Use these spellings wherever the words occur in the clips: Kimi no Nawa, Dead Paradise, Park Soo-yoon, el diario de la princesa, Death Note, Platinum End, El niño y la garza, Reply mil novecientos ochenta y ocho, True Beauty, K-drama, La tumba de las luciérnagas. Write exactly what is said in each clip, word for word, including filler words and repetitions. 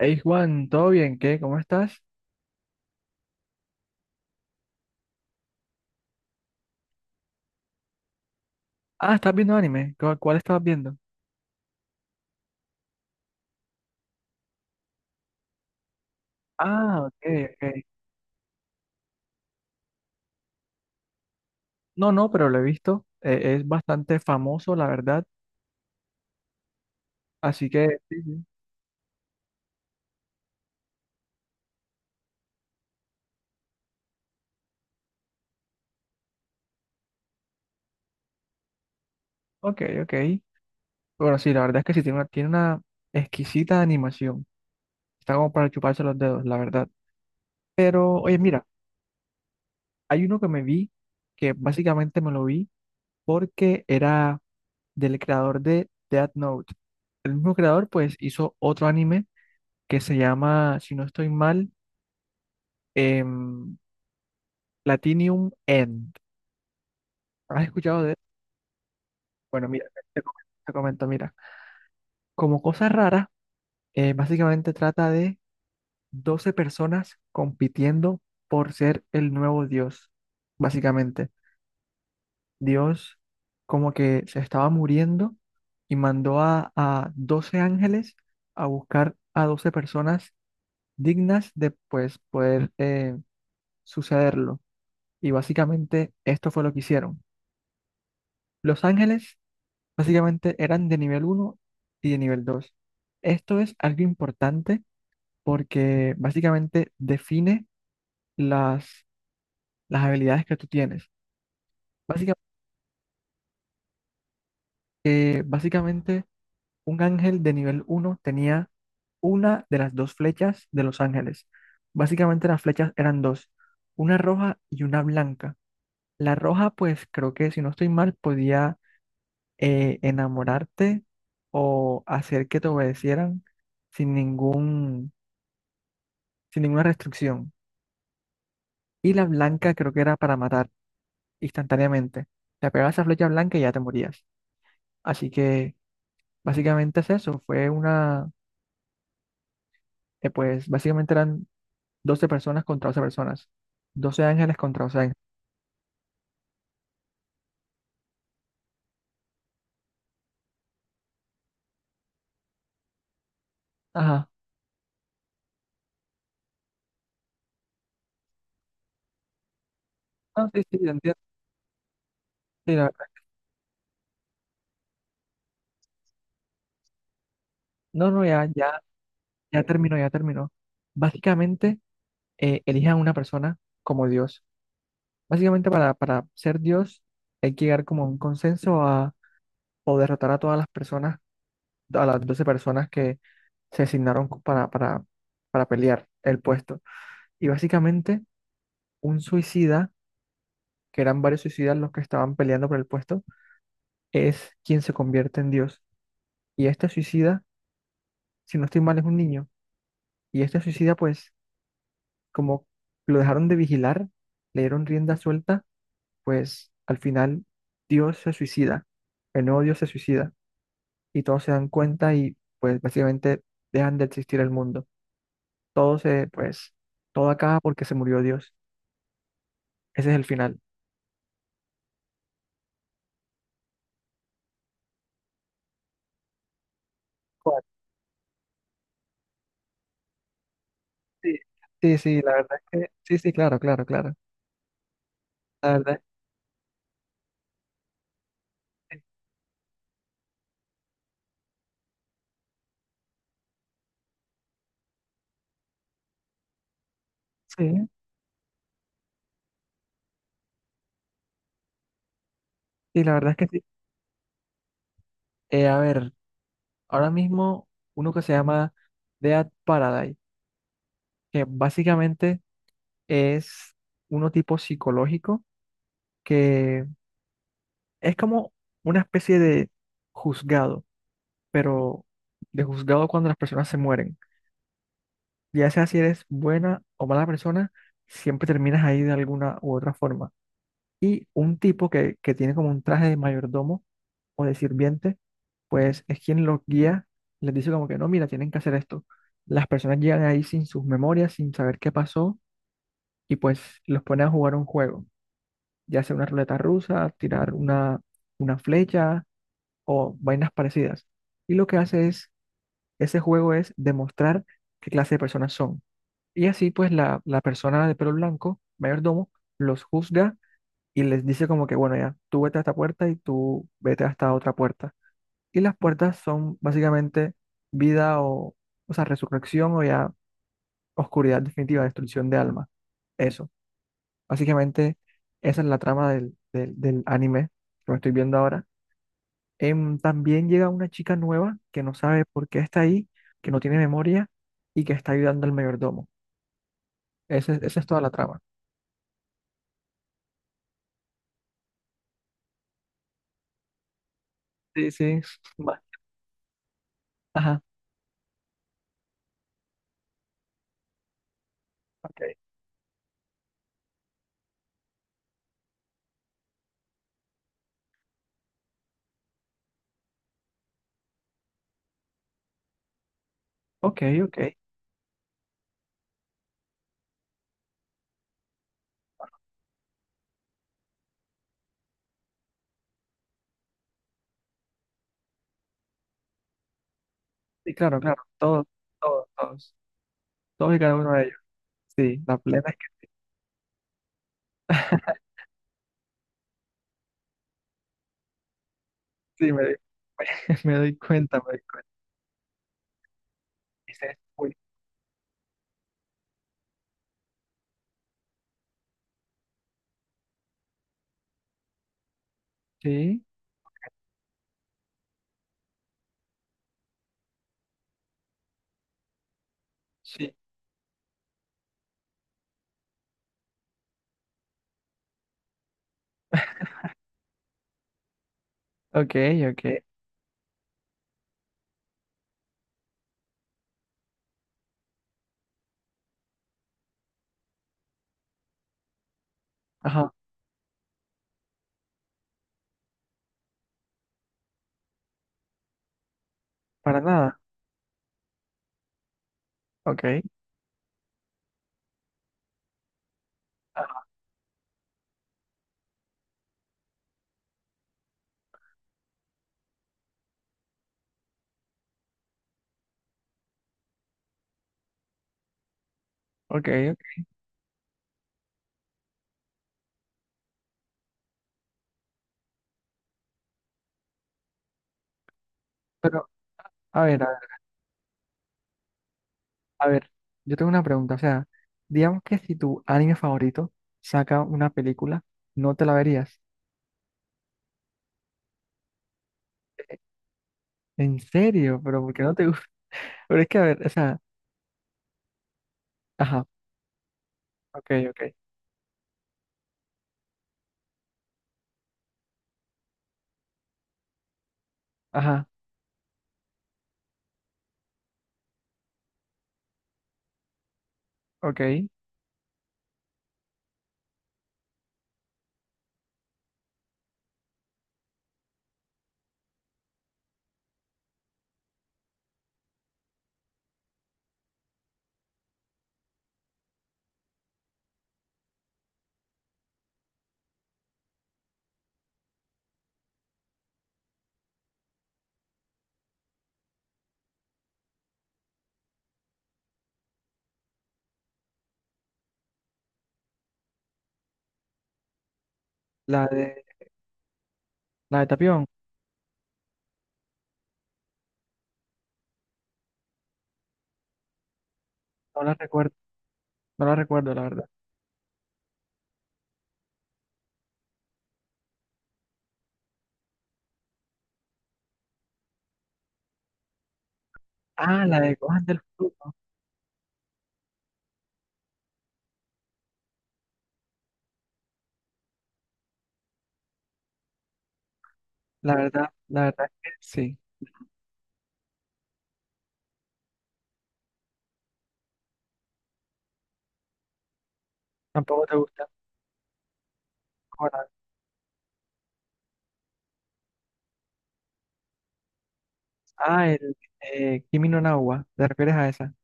Hey Juan, ¿todo bien? ¿Qué? ¿Cómo estás? Ah, ¿estás viendo anime? ¿Cu- ¿Cuál, estabas viendo? Ah, ok, ok. No, no, pero lo he visto. Eh, es bastante famoso, la verdad. Así que, sí, sí. Ok, ok. Bueno, sí, la verdad es que sí, tiene una, tiene una exquisita animación. Está como para chuparse los dedos, la verdad. Pero, oye, mira, hay uno que me vi, que básicamente me lo vi porque era del creador de Death Note. El mismo creador, pues, hizo otro anime que se llama, si no estoy mal, em, Platinum End. ¿Has escuchado de él? Bueno, mira, te comento, te comento, mira. Como cosa rara, eh, básicamente trata de doce personas compitiendo por ser el nuevo Dios. Básicamente, Dios como que se estaba muriendo y mandó a, a doce ángeles a buscar a doce personas dignas de pues poder eh, sucederlo. Y básicamente esto fue lo que hicieron. Los ángeles básicamente eran de nivel uno y de nivel dos. Esto es algo importante porque básicamente define las, las habilidades que tú tienes. Básica- eh, Básicamente, un ángel de nivel uno tenía una de las dos flechas de los ángeles. Básicamente las flechas eran dos, una roja y una blanca. La roja, pues creo que si no estoy mal, podía eh, enamorarte o hacer que te obedecieran sin ningún sin ninguna restricción. Y la blanca creo que era para matar instantáneamente. Te pegabas a flecha blanca y ya te morías. Así que básicamente es eso. Fue una, eh, pues básicamente eran doce personas contra doce personas. Doce ángeles contra doce ángeles. Ajá. Ah, sí, sí, te entiendo. Sí, la verdad. No, no, ya, ya, ya terminó, ya terminó. Básicamente, eh, elijan una persona como Dios. Básicamente para, para ser Dios hay que llegar como a un consenso a, o derrotar a todas las personas, a las doce personas que se asignaron co- para, para, para pelear el puesto. Y básicamente un suicida, que eran varios suicidas los que estaban peleando por el puesto, es quien se convierte en Dios. Y este suicida, si no estoy mal, es un niño. Y este suicida, pues, como lo dejaron de vigilar, le dieron rienda suelta, pues al final Dios se suicida, el nuevo Dios se suicida. Y todos se dan cuenta y pues básicamente dejan de existir el mundo. Todo se, pues, Todo acaba porque se murió Dios. Ese es el final. Sí, sí, sí, la verdad es que sí, sí, claro, claro, claro. La verdad es que sí, sí, la verdad es que sí. Eh, a ver, ahora mismo uno que se llama Dead Paradise, que básicamente es uno tipo psicológico, que es como una especie de juzgado, pero de juzgado cuando las personas se mueren. Ya sea si eres buena o mala persona, siempre terminas ahí de alguna u otra forma. Y un tipo que, que tiene como un traje de mayordomo o de sirviente, pues es quien los guía, les dice como que no, mira, tienen que hacer esto. Las personas llegan ahí sin sus memorias, sin saber qué pasó, y pues los pone a jugar un juego, ya sea una ruleta rusa, tirar una, una flecha o vainas parecidas. Y lo que hace es, ese juego es demostrar qué clase de personas son. Y así pues la, la persona de pelo blanco, mayordomo, los juzga y les dice como que, bueno, ya, tú vete a esta puerta y tú vete a esta otra puerta. Y las puertas son básicamente vida o, o sea, resurrección o ya oscuridad definitiva, destrucción de alma. Eso. Básicamente, esa es la trama del, del, del anime que me estoy viendo ahora. Em, también llega una chica nueva que no sabe por qué está ahí, que no tiene memoria y que está ayudando al mayordomo. Ese- Esa es toda la trama. Sí, sí. Va. Ajá. Ok. Ok, ok. Sí, claro, claro, todos, todos, todos, todos y cada uno de ellos. Sí, la plena. Sí, me doy, me doy cuenta, me doy cuenta. Dices, uy, sí, sí, ok, ok, ajá, para nada, ok, ajá, ok, ok. Pero, a ver, a ver, a ver, yo tengo una pregunta, o sea, digamos que si tu anime favorito saca una película, ¿no te la verías? Eh, ¿En serio? Pero ¿por qué no te gusta? Pero es que, a ver, o sea, ajá, ok, ok, ajá, ok, la de, la de Tapión, no la recuerdo. No la recuerdo, la verdad. Ah, la de Gohan del Fruto. La verdad, la verdad es que sí. Tampoco te gusta. ¿Cómo la ves? Ah, el eh, Kimi no Nawa. ¿Te refieres a esa?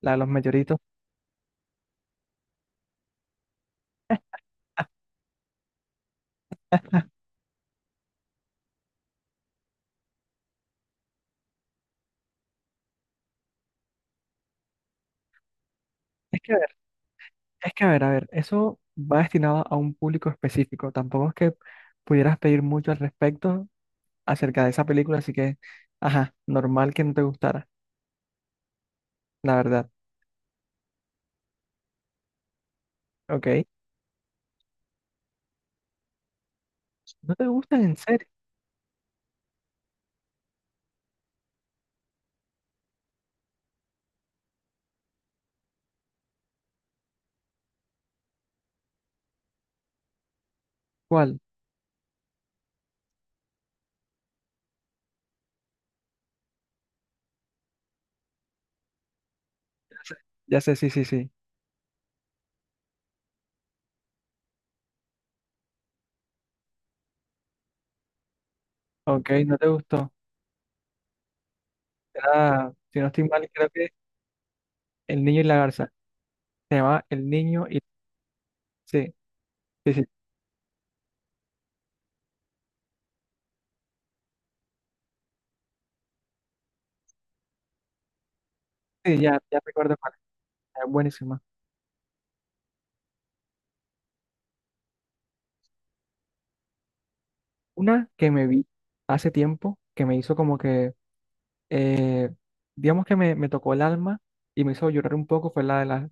La de los mayoritos. Es que a ver, es que a ver, a ver. Eso va destinado a un público específico. Tampoco es que pudieras pedir mucho al respecto acerca de esa película. Así que, ajá, normal que no te gustara. La verdad. Ok. ¿No te gustan en serio? ¿Cuál? Ya sé, ya sé, sí, sí, sí. Ok, no te gustó. Era, si no estoy mal, creo que El Niño y la Garza. Se llamaba El Niño y sí, sí, sí, sí, ya, ya recuerdo cuál es, es, buenísima. Una que me vi hace tiempo, que me hizo como que, eh, digamos que me, me tocó el alma y me hizo llorar un poco, fue la de la,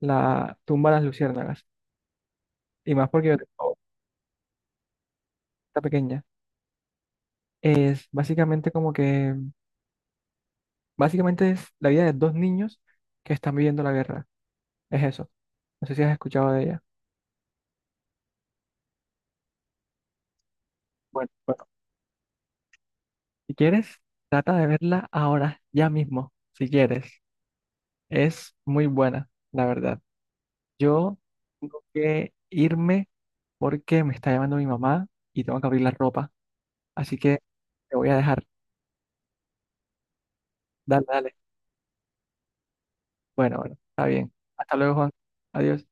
la tumba de las luciérnagas. Y más porque yo oh, está pequeña. Es básicamente como que, básicamente es la vida de dos niños que están viviendo la guerra. Es eso. No sé si has escuchado de ella. Bueno, bueno, si quieres, trata de verla ahora, ya mismo, si quieres. Es muy buena, la verdad. Yo tengo que irme porque me está llamando mi mamá y tengo que abrir la ropa. Así que te voy a dejar. Dale, dale. Bueno, bueno, está bien. Hasta luego, Juan. Adiós.